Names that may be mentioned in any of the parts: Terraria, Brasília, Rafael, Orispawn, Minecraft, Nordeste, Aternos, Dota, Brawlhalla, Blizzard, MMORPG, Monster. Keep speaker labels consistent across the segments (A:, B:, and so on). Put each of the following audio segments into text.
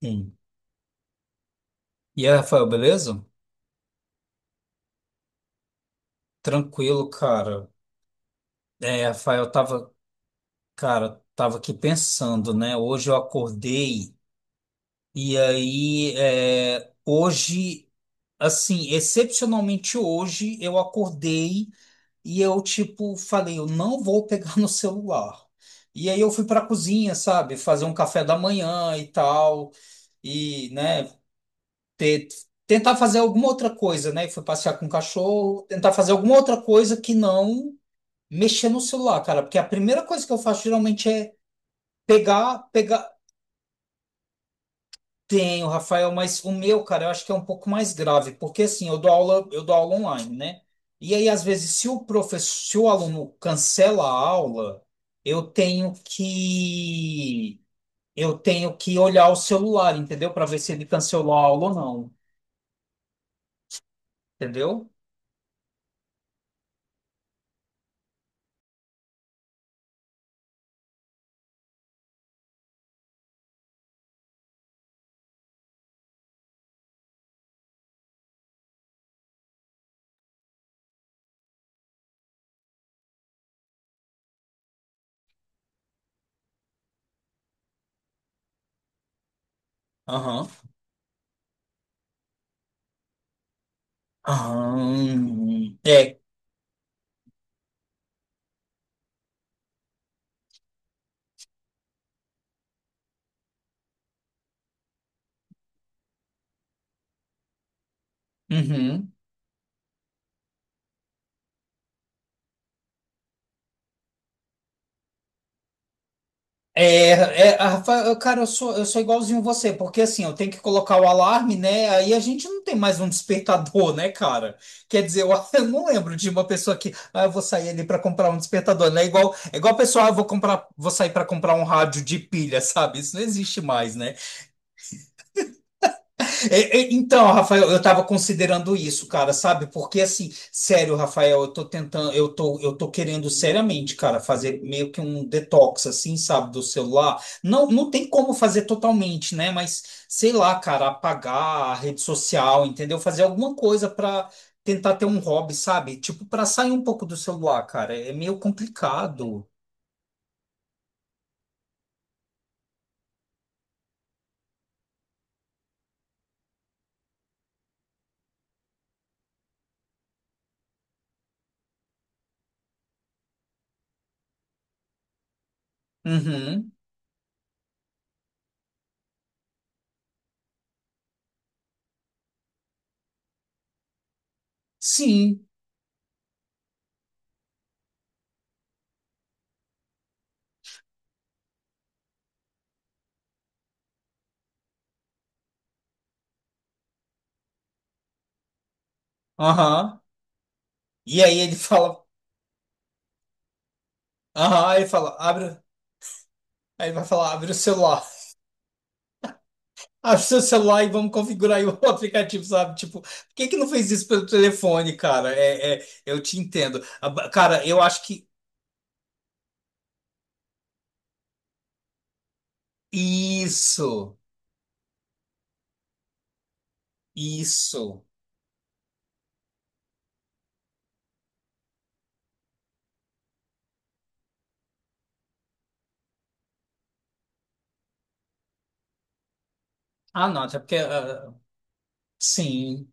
A: Sim. E aí, Rafael, beleza? Tranquilo, cara. É, Rafael, tava, cara, tava aqui pensando, né? Hoje eu acordei e aí, hoje, assim, excepcionalmente hoje, eu acordei e eu, tipo, falei, eu não vou pegar no celular. E aí eu fui pra cozinha, sabe? Fazer um café da manhã e tal, e, né, ter, tentar fazer alguma outra coisa, né? Fui passear com o cachorro, tentar fazer alguma outra coisa que não mexer no celular, cara, porque a primeira coisa que eu faço geralmente é pegar, pegar. Tenho, Rafael, mas o meu, cara, eu acho que é um pouco mais grave, porque assim, eu dou aula online, né? E aí, às vezes, se o aluno cancela a aula, eu tenho que eu tenho que olhar o celular, entendeu? Para ver se ele cancelou a aula ou não, entendeu? Aham. Aham. É. Uhum. É, é, a Rafa, cara, eu sou igualzinho você, porque assim, eu tenho que colocar o alarme, né? Aí a gente não tem mais um despertador, né, cara? Quer dizer, eu, eu não lembro de uma pessoa que, ah, eu vou sair ali para comprar um despertador, né? Igual, é igual a pessoa, ah, vou sair para comprar um rádio de pilha, sabe? Isso não existe mais, né? Então, Rafael, eu estava considerando isso, cara, sabe? Porque assim, sério, Rafael, eu tô tentando, eu tô querendo seriamente, cara, fazer meio que um detox, assim, sabe, do celular. Não, não tem como fazer totalmente, né? Mas sei lá, cara, apagar a rede social, entendeu? Fazer alguma coisa para tentar ter um hobby, sabe? Tipo, para sair um pouco do celular, cara. É meio complicado. Uhum. Sim. Aham. E aí ele fala, aham, ele fala, abre, aí ele vai falar, abre o celular. Acha o seu celular e vamos configurar aí o aplicativo, sabe? Tipo, por que que não fez isso pelo telefone, cara? Eu te entendo. Cara, eu acho que isso, isso. Ah, não, até porque. Ah, sim,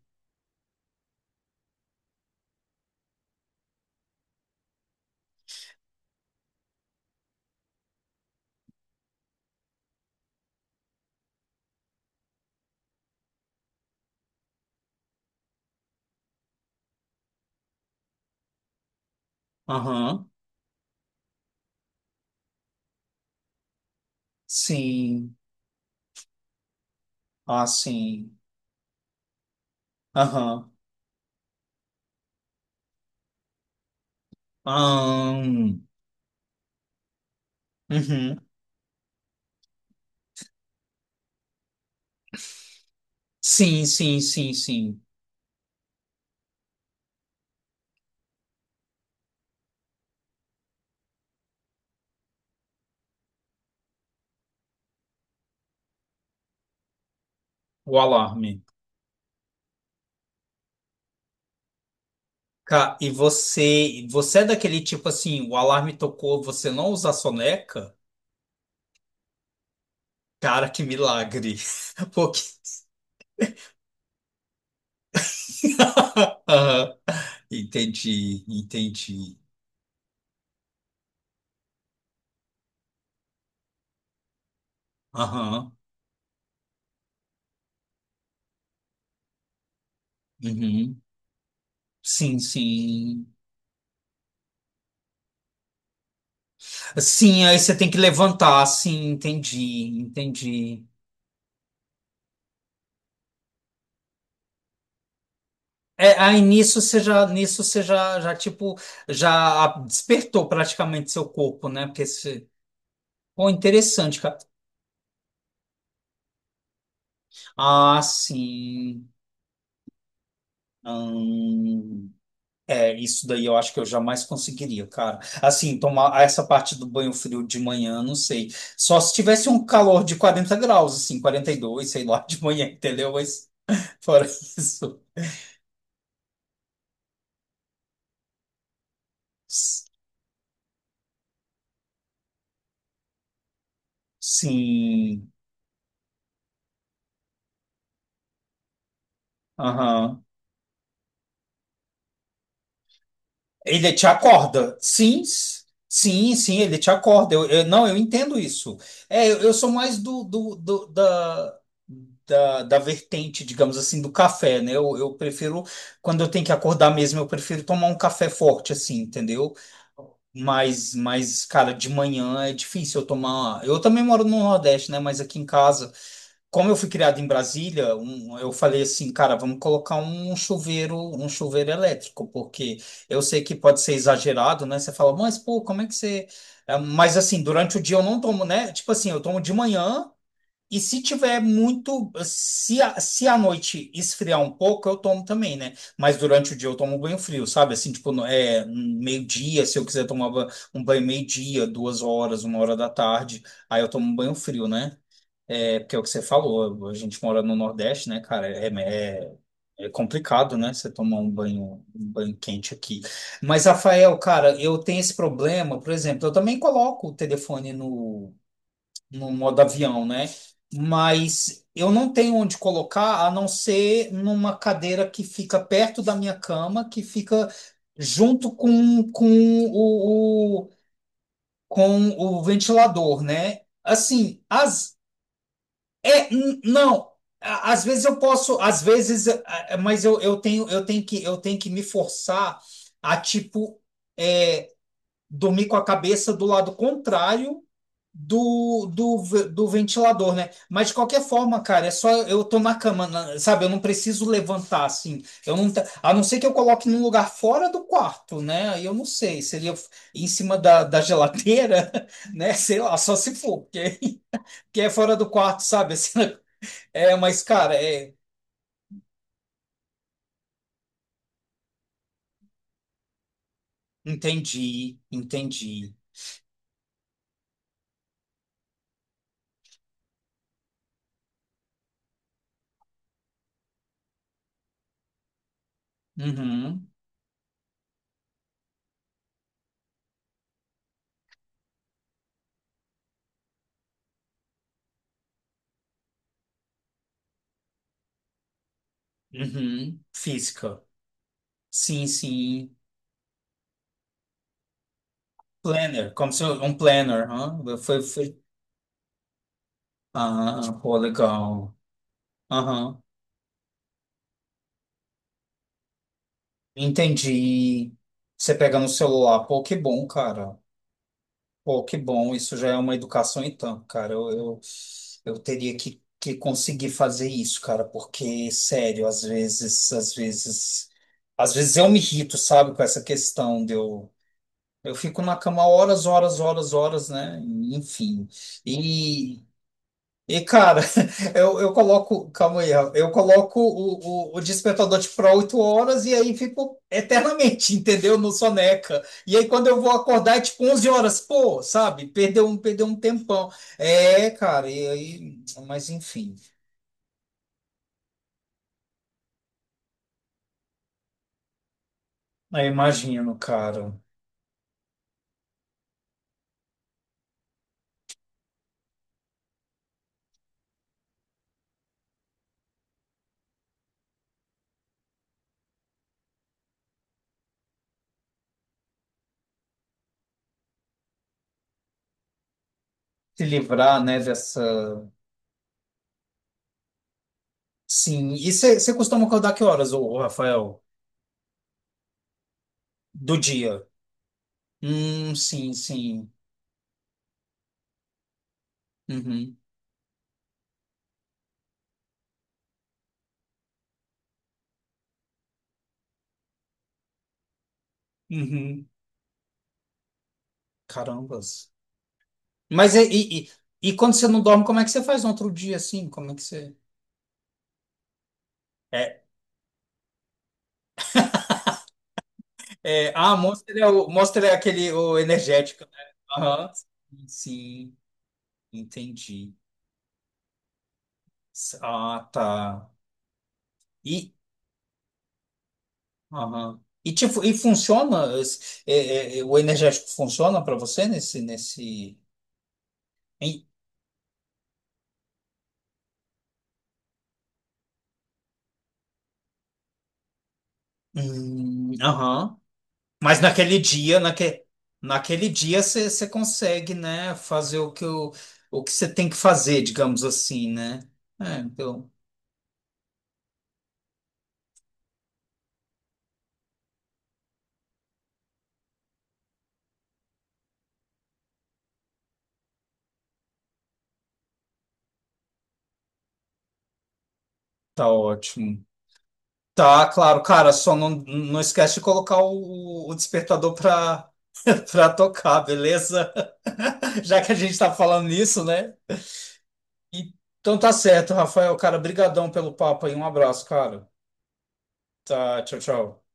A: aham, sim, ah, sim, aham, ahn, uhum, sim, sim, sim, sim. O alarme. E você é daquele tipo assim, o alarme tocou, você não usa a soneca? Cara, que milagre. Porque aham. Entendi, entendi. Aham. Uhum. Sim, sim. Sim, aí você tem que levantar, sim, entendi, entendi. É, aí nisso você já, já tipo, já despertou praticamente seu corpo, né? Porque você... Pô, interessante, cara. Ah, sim. Hum. É, isso daí eu acho que eu jamais conseguiria, cara. Assim, tomar essa parte do banho frio de manhã, não sei. Só se tivesse um calor de 40 graus, assim, 42, sei lá, de manhã, entendeu? Mas fora isso. Sim. Aham. Ele te acorda. Sim, sim, sim, ele te acorda. Não, eu entendo isso. É, eu sou mais do, do, da vertente, digamos assim, do café, né? Eu prefiro, quando eu tenho que acordar mesmo, eu prefiro tomar um café forte, assim, entendeu? Mas, cara, de manhã é difícil eu tomar. Eu também moro no Nordeste, né? Mas aqui em casa como eu fui criado em Brasília, eu falei assim, cara, vamos colocar um chuveiro elétrico, porque eu sei que pode ser exagerado, né? Você fala, mas pô, como é que você. Mas assim, durante o dia eu não tomo, né? Tipo assim, eu tomo de manhã e se tiver muito, se à noite esfriar um pouco, eu tomo também, né? Mas durante o dia eu tomo banho frio, sabe? Assim, tipo, é meio-dia, se eu quiser tomar um banho meio-dia, 2 horas, 1 hora da tarde, aí eu tomo banho frio, né? É, porque é o que você falou, a gente mora no Nordeste, né, cara? É complicado, né? Você tomar um banho quente aqui. Mas, Rafael, cara, eu tenho esse problema, por exemplo, eu também coloco o telefone no modo avião, né? Mas eu não tenho onde colocar a não ser numa cadeira que fica perto da minha cama, que fica junto o, o- com o ventilador, né? Assim, as é, não, às vezes eu posso, às vezes, mas eu tenho que me forçar a, tipo, é, dormir com a cabeça do lado contrário do ventilador, né? Mas de qualquer forma, cara, é só eu tô na cama, sabe? Eu não preciso levantar assim. Eu não, a não ser que eu coloque num lugar fora do quarto, né? Aí eu não sei, seria em cima da geladeira, né? Sei lá, só se for, porque é fora do quarto, sabe? Assim, né? É, mas, cara, é. Entendi, entendi. Uhum, uhum. Física. Sim, sim. Planner, como se um planner. Hã? Foi, foi. Ah, pô, legal. Aham. Entendi. Você pega no celular. Pô, que bom, cara. Pô, que bom. Isso já é uma educação, então, cara. Eu teria que conseguir fazer isso, cara, porque, sério, às vezes, às vezes. Às vezes eu me irrito, sabe, com essa questão de eu. Eu fico na cama horas, horas, horas, horas, né? Enfim. E, e, cara, eu coloco. Calma aí, Rafa. Eu coloco o despertador tipo, para 8 horas e aí fico eternamente, entendeu? No soneca. E aí quando eu vou acordar é tipo 11 horas, pô, sabe? Perdeu um tempão. É, cara, e aí. Mas enfim. Aí imagino, cara. Se livrar, né, dessa. Sim. E você costuma acordar que horas, ô, Rafael? Do dia? Sim, sim. Uhum, uhum. Carambas. Mas e quando você não dorme, como é que você faz no outro dia assim? Como é que você. É, ah, Monster é, Monster é aquele o energético, né? Aham. Sim, entendi. Ah, tá. E, aham. E, tipo, e funciona? O energético funciona para você nesse... em- aham. Mas naquele dia você consegue, né, fazer o que você tem que fazer, digamos assim, né? É, então, tá ótimo. Tá, claro, cara, só não esquece de colocar o despertador pra, pra tocar, beleza? Já que a gente tá falando nisso, né? Então tá certo, Rafael, cara, brigadão pelo papo aí, um abraço, cara. Tá, tchau, tchau.